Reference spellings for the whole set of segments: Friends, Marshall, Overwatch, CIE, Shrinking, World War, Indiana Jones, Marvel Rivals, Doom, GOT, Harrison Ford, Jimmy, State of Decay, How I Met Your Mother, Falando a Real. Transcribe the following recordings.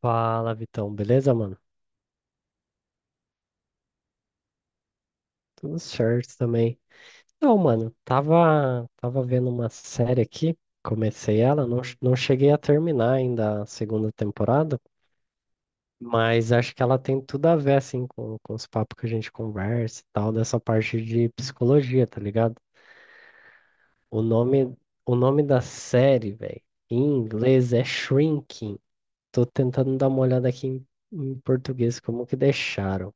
Fala, Vitão, beleza, mano? Tudo certo também. Não, mano, tava vendo uma série aqui, comecei ela, não, não cheguei a terminar ainda a segunda temporada, mas acho que ela tem tudo a ver, assim, com os papos que a gente conversa e tal, dessa parte de psicologia, tá ligado? O nome, o nome da série, velho, em inglês é Shrinking. Tô tentando dar uma olhada aqui em português, como que deixaram.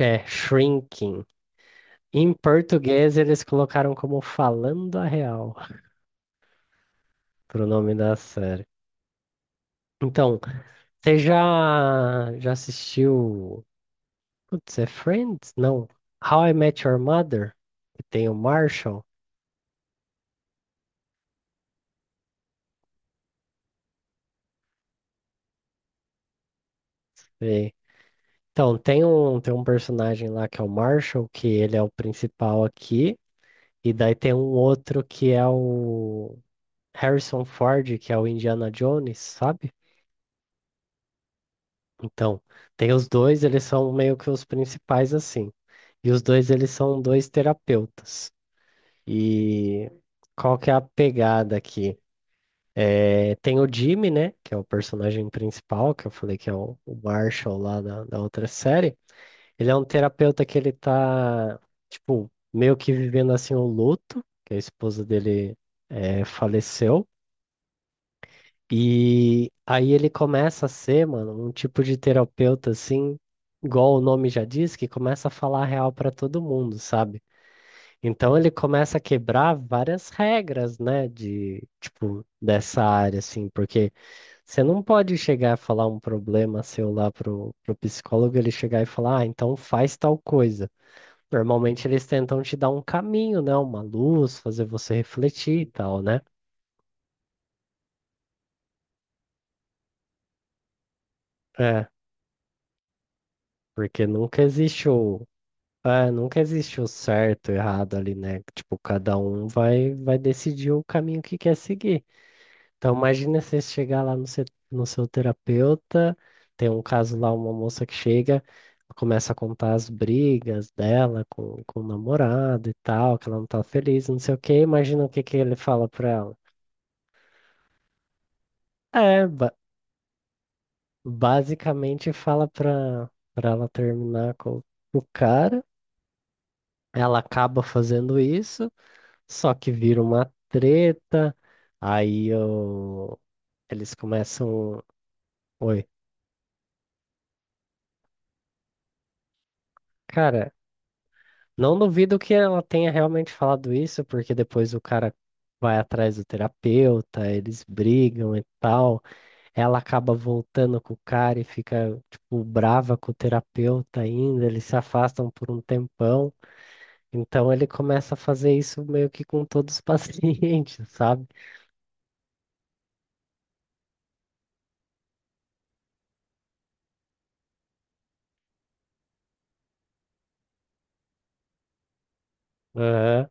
É Shrinking. Em português, eles colocaram como Falando a Real, pro nome da série. Então, você já assistiu. Putz, é Friends? Não. How I Met Your Mother? Que tem o Marshall. E- Então, tem tem um personagem lá que é o Marshall, que ele é o principal aqui. E daí tem um outro que é o Harrison Ford, que é o Indiana Jones, sabe? Então, tem os dois, eles são meio que os principais assim. E os dois, eles são dois terapeutas. E qual que é a pegada aqui? É, tem o Jimmy, né, que é o personagem principal, que eu falei que é o Marshall lá da outra série. Ele é um terapeuta que ele tá, tipo, meio que vivendo assim o luto, que a esposa dele faleceu. E aí ele começa a ser, mano, um tipo de terapeuta assim, igual o nome já diz, que começa a falar a real pra todo mundo, sabe? Então ele começa a quebrar várias regras, né, de tipo dessa área assim, porque você não pode chegar a falar um problema seu lá pro psicólogo, ele chegar e falar, ah, então faz tal coisa. Normalmente eles tentam te dar um caminho, né, uma luz, fazer você refletir e tal, né? É, porque nunca existe o é, nunca existe o certo e o errado ali, né? Tipo, cada um vai decidir o caminho que quer seguir. Então, imagina você chegar lá no seu, no seu terapeuta, tem um caso lá, uma moça que chega, começa a contar as brigas dela com o namorado e tal, que ela não tá feliz, não sei o quê. Imagina o que que ele fala pra ela. É, ba- basicamente fala pra ela terminar com o cara. Ela acaba fazendo isso. Só que vira uma treta, aí eu... eles começam. Oi. Cara, não duvido que ela tenha realmente falado isso, porque depois o cara vai atrás do terapeuta, eles brigam e tal. Ela acaba voltando com o cara e fica, tipo, brava com o terapeuta ainda, eles se afastam por um tempão. Então ele começa a fazer isso meio que com todos os pacientes, sabe? Aham.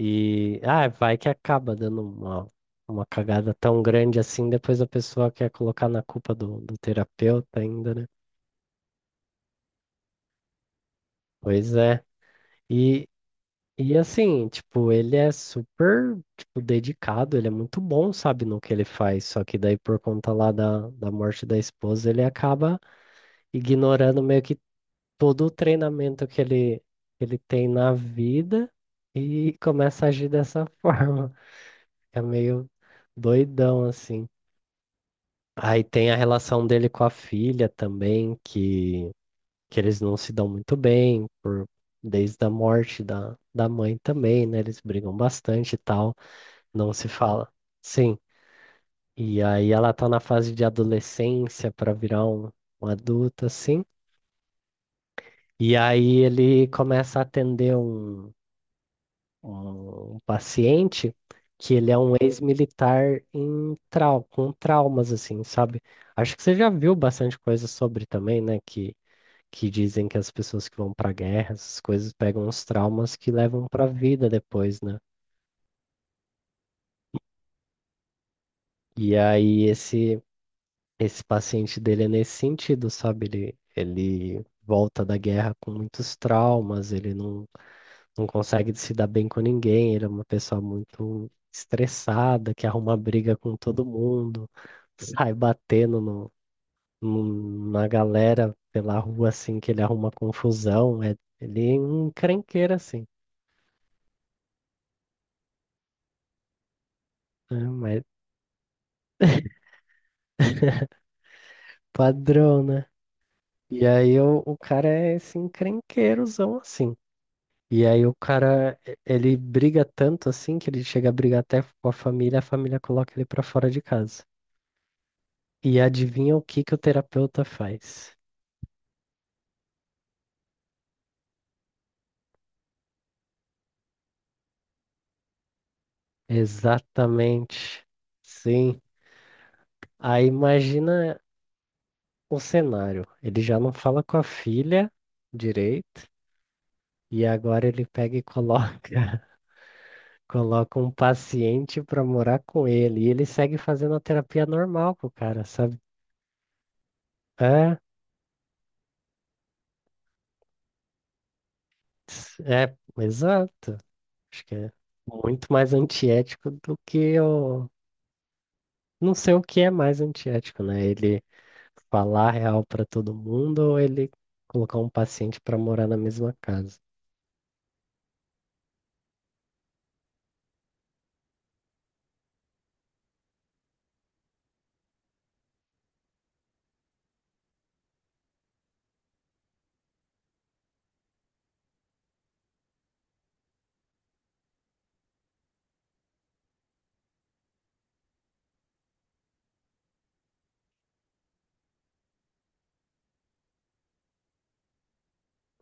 E ah, vai que acaba dando uma cagada tão grande assim, depois a pessoa quer colocar na culpa do terapeuta ainda, né? Pois é. E, e assim, tipo, ele é super, tipo, dedicado, ele é muito bom, sabe, no que ele faz. Só que daí, por conta lá da morte da esposa, ele acaba ignorando meio que todo o treinamento que ele tem na vida e começa a agir dessa forma. É meio doidão, assim. Aí tem a relação dele com a filha também, que eles não se dão muito bem, por, desde a morte da mãe também, né? Eles brigam bastante e tal, não se fala. Sim, e aí ela tá na fase de adolescência para virar um, um adulto, assim. E aí ele começa a atender um paciente que ele é um ex-militar em trau com traumas, assim, sabe? Acho que você já viu bastante coisa sobre também, né? Que dizem que as pessoas que vão pra guerra, essas coisas pegam uns traumas que levam pra vida depois, né? E aí esse paciente dele é nesse sentido, sabe? Ele volta da guerra com muitos traumas, ele não consegue se dar bem com ninguém, ele é uma pessoa muito estressada, que arruma briga com todo mundo, sai batendo na galera pela rua assim que ele arruma confusão, é ele é um encrenqueiro assim. É, mas padrão, né? E aí o cara é esse encrenqueirozão assim. E aí o cara, ele briga tanto assim que ele chega a brigar até com a família coloca ele pra fora de casa. E adivinha o que que o terapeuta faz? Exatamente. Sim. Aí imagina o cenário. Ele já não fala com a filha direito, e agora ele pega e coloca um paciente pra morar com ele e ele segue fazendo a terapia normal com o cara, sabe? É, é, exato. Acho que é muito mais antiético do que o. Não sei o que é mais antiético, né? Ele falar a real pra todo mundo ou ele colocar um paciente pra morar na mesma casa.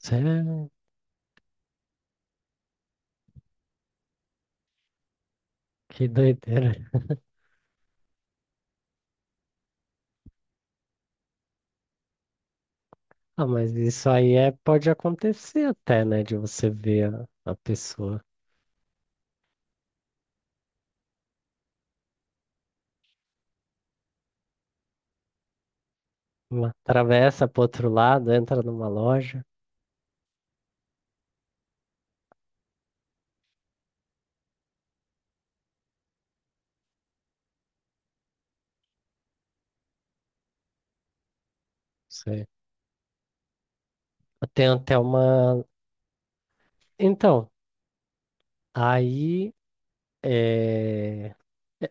Isso é- Que doideira. Ah, mas isso aí é, pode acontecer até, né? De você ver a pessoa. Uma atravessa pro outro lado, entra numa loja. Sei. Tem até uma. Então, aí é,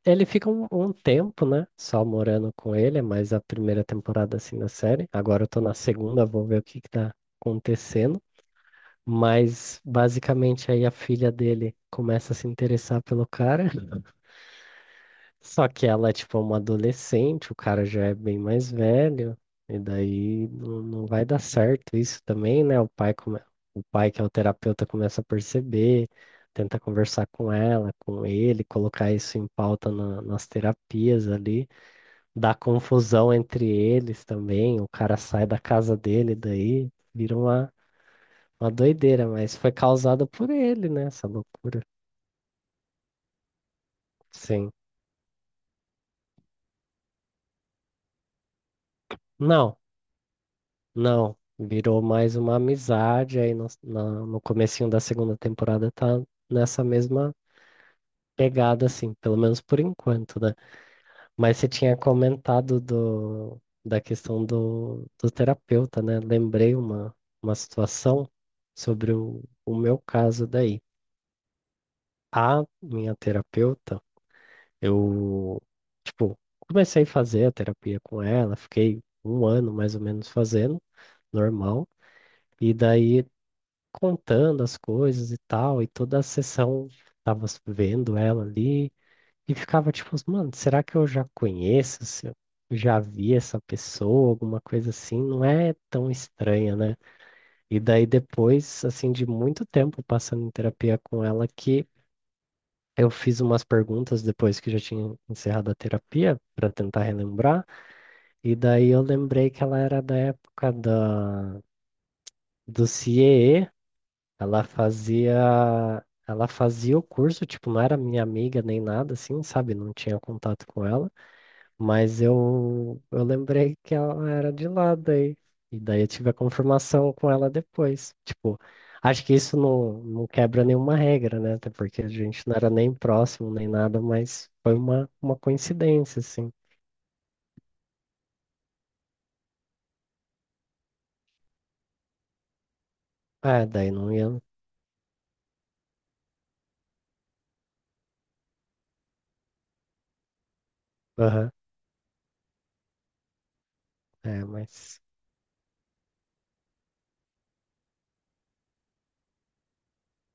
ele fica um tempo, né? Só morando com ele, é mais a primeira temporada assim da série. Agora eu tô na segunda, vou ver o que que tá acontecendo. Mas basicamente aí a filha dele começa a se interessar pelo cara. Só que ela é tipo uma adolescente, o cara já é bem mais velho, e daí não, não vai dar certo isso também, né? O pai, que é o terapeuta, começa a perceber, tenta conversar com ela, com ele, colocar isso em pauta nas terapias ali, dá confusão entre eles também, o cara sai da casa dele, daí vira uma doideira, mas foi causada por ele, né? Essa loucura. Sim. Não, Não, virou mais uma amizade aí no comecinho da segunda temporada tá nessa mesma pegada, assim, pelo menos por enquanto, né? Mas você tinha comentado do, da questão do terapeuta, né? Lembrei uma situação sobre o meu caso daí. A minha terapeuta, eu, tipo, comecei a fazer a terapia com ela, fiquei um ano mais ou menos fazendo, normal. E daí contando as coisas e tal, e toda a sessão tava vendo ela ali e ficava tipo, mano, será que eu já conheço? Se eu já vi essa pessoa, alguma coisa assim, não é tão estranha, né? E daí depois, assim, de muito tempo passando em terapia com ela, que eu fiz umas perguntas depois que já tinha encerrado a terapia para tentar relembrar, e daí eu lembrei que ela era da época do CIE. Ela fazia o curso, tipo, não era minha amiga nem nada, assim, sabe? Não tinha contato com ela, mas eu lembrei que ela era de lá daí. E daí eu tive a confirmação com ela depois. Tipo, acho que isso não, não quebra nenhuma regra, né? Até porque a gente não era nem próximo nem nada, mas foi uma coincidência, assim. É, daí não ia. Aham, é, mas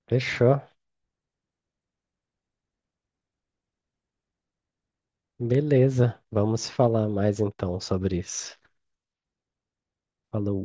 fechou. Beleza. Vamos falar mais então sobre isso. Falou.